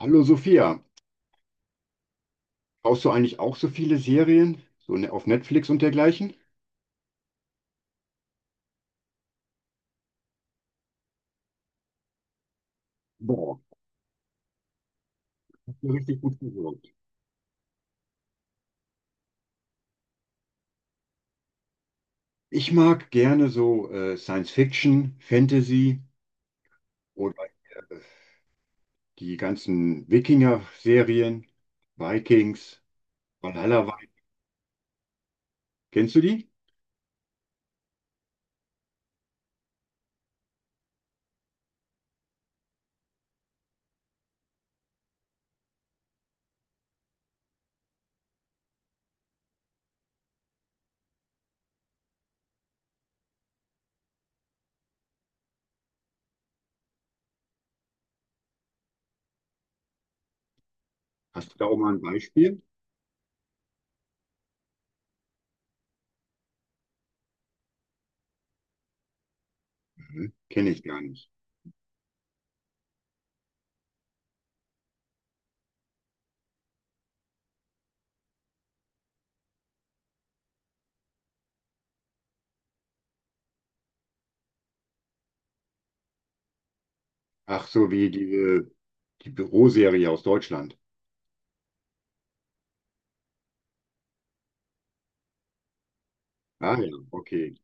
Hallo Sophia, brauchst du eigentlich auch so viele Serien, auf Netflix und dergleichen? Boah, hast du richtig gut gewirkt. Ich mag gerne so Science Fiction, Fantasy oder äh, die ganzen Wikinger-Serien, Vikings, Valhalla. Kennst du die? Hast du da auch mal ein Beispiel? Mhm. Kenne ich gar nicht. Ach so, wie die Büroserie aus Deutschland. Ah ja, okay.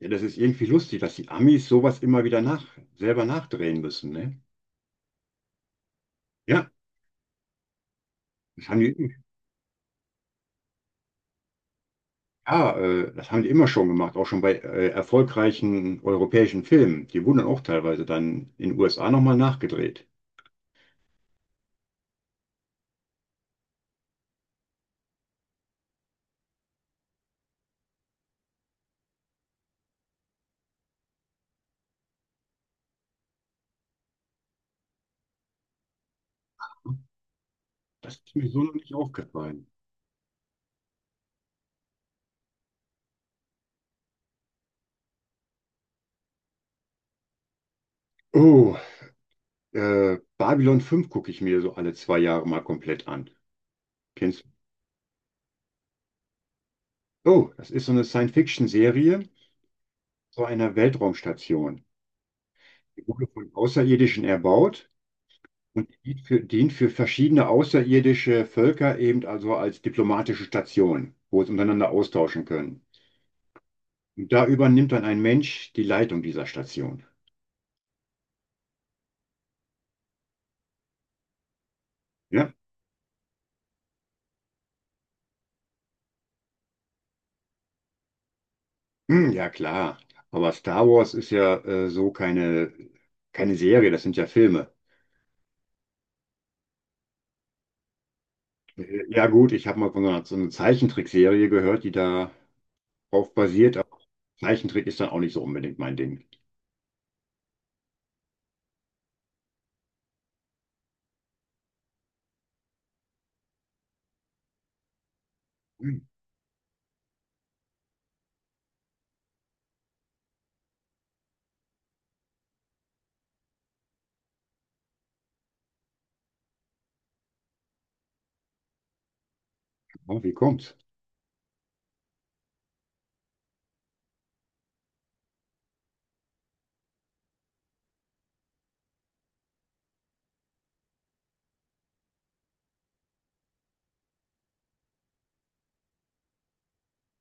Ja, das ist irgendwie lustig, dass die Amis sowas selber nachdrehen müssen, ne? Ja, das haben die, ja, das haben die immer schon gemacht, auch schon bei erfolgreichen europäischen Filmen. Die wurden dann auch teilweise dann in den USA nochmal nachgedreht. Das ist mir so noch nicht aufgefallen. Oh, Babylon 5 gucke ich mir so alle 2 Jahre mal komplett an. Kennst du? Oh, das ist so eine Science-Fiction-Serie zu einer Weltraumstation. Die wurde von Außerirdischen erbaut und dient für verschiedene außerirdische Völker eben also als diplomatische Station, wo sie untereinander austauschen können. Da übernimmt dann ein Mensch die Leitung dieser Station. Ja. Hm, ja klar. Aber Star Wars ist ja keine Serie, das sind ja Filme. Ja gut, ich habe mal von so einer Zeichentrickserie gehört, die darauf basiert, aber Zeichentrick ist dann auch nicht so unbedingt mein Ding. Hm, oh, wie kommt's?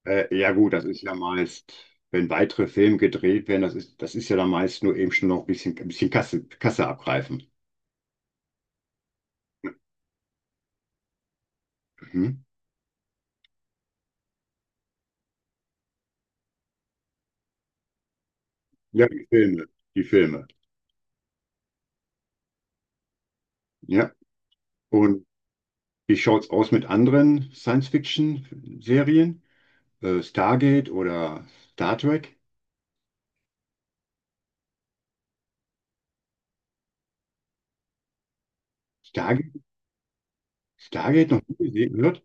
Ja gut, das ist ja meist, wenn weitere Filme gedreht werden, das ist ja dann meist nur eben schon noch ein bisschen Kasse abgreifen. Mhm. Ja, die Filme. Ja. Und wie schaut's aus mit anderen Science-Fiction-Serien? Stargate oder Star Trek? Stargate? Stargate noch nie gesehen wird?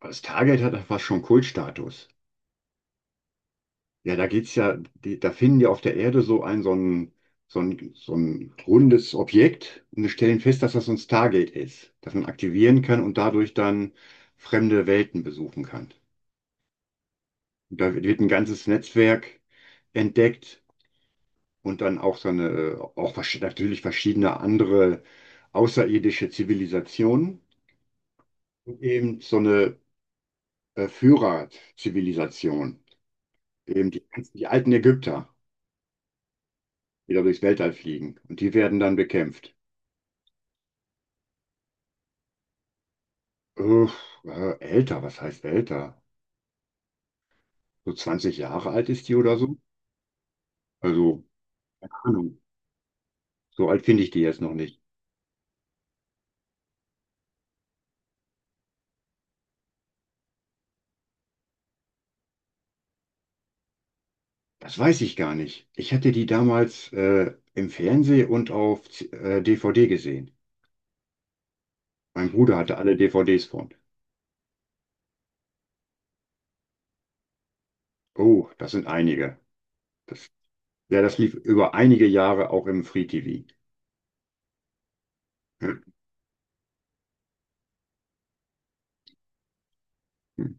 Aber Stargate hat fast schon Kultstatus. Ja, da finden die auf der Erde so ein rundes Objekt und wir stellen fest, dass das so ein Stargate ist, das man aktivieren kann und dadurch dann fremde Welten besuchen kann. Und da wird ein ganzes Netzwerk entdeckt und dann auch natürlich verschiedene andere außerirdische Zivilisationen und eben so eine Führerzivilisation, die alten Ägypter, die da durchs Weltall fliegen und die werden dann bekämpft. Uff, älter, was heißt älter? So 20 Jahre alt ist die oder so? Also, keine Ahnung, so alt finde ich die jetzt noch nicht. Das weiß ich gar nicht. Ich hatte die damals im Fernsehen und auf DVD gesehen. Mein Bruder hatte alle DVDs von. Oh, das sind einige. Das, ja, das lief über einige Jahre auch im Free TV. Hm.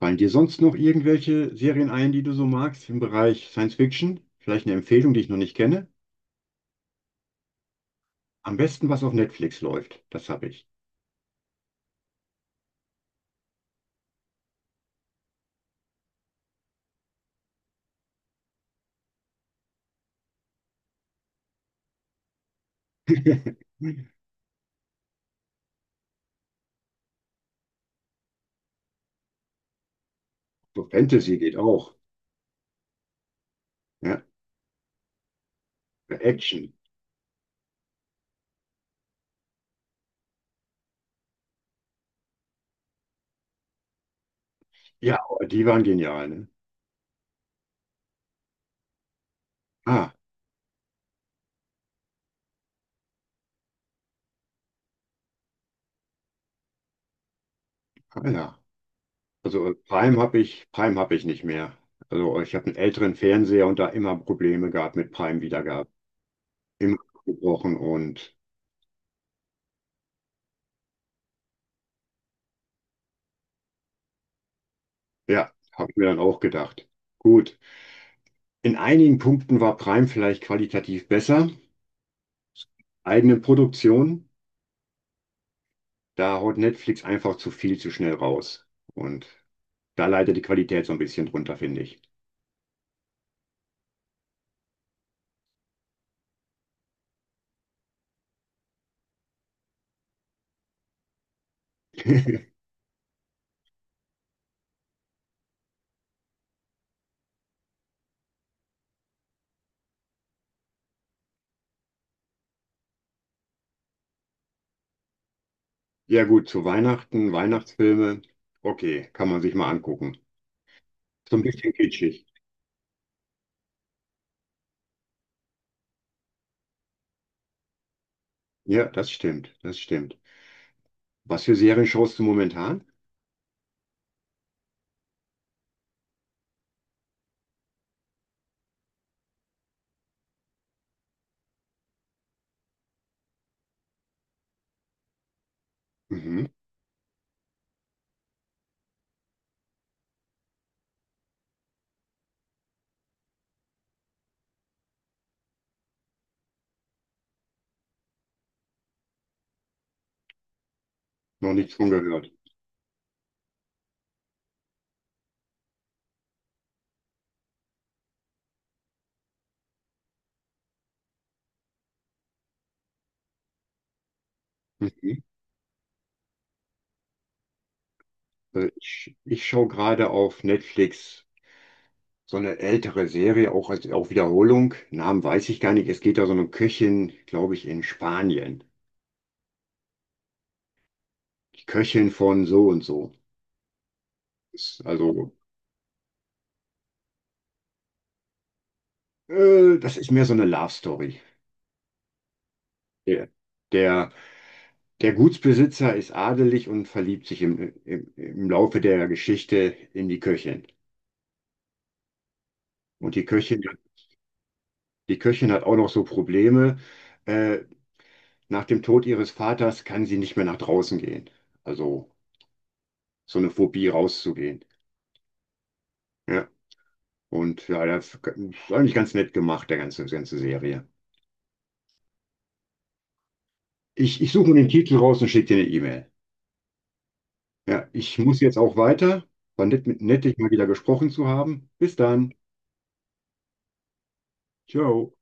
Fallen dir sonst noch irgendwelche Serien ein, die du so magst im Bereich Science Fiction? Vielleicht eine Empfehlung, die ich noch nicht kenne? Am besten, was auf Netflix läuft. Das habe ich. So Fantasy geht auch. Ja. Action. Ja, die waren genial, ne? Ah, ah, ja. Also Prime habe ich nicht mehr. Also ich habe einen älteren Fernseher und da immer Probleme gehabt mit Prime-Wiedergabe. Immer abgebrochen und ja, habe ich mir dann auch gedacht. Gut. In einigen Punkten war Prime vielleicht qualitativ besser. Eigene Produktion, da haut Netflix einfach zu viel zu schnell raus. Und da leidet die Qualität so ein bisschen drunter, finde ich. Ja gut, zu Weihnachtsfilme, okay, kann man sich mal angucken. So ein bisschen kitschig. Ja, das stimmt. Was für Serien schaust du momentan? Mhm, noch nichts von gehört. Mhm. Also ich schaue gerade auf Netflix so eine ältere Serie, auch als auch Wiederholung. Namen weiß ich gar nicht. Es geht da so um eine Köchin, glaube ich, in Spanien. Die Köchin von so und so. Ist also, das ist mehr so eine Love Story. Der, der, der Gutsbesitzer ist adelig und verliebt sich im Laufe der Geschichte in die Köchin. Und die Köchin hat auch noch so Probleme. Äh, Nach dem Tod ihres Vaters kann sie nicht mehr nach draußen gehen. Also so eine Phobie rauszugehen. Ja. Und ja, das ist eigentlich ganz nett gemacht, der ganze Serie. Ich suche mir den Titel raus und schicke dir eine E-Mail. Ja, ich muss jetzt auch weiter. War nett, nett, dich mal wieder gesprochen zu haben. Bis dann. Ciao.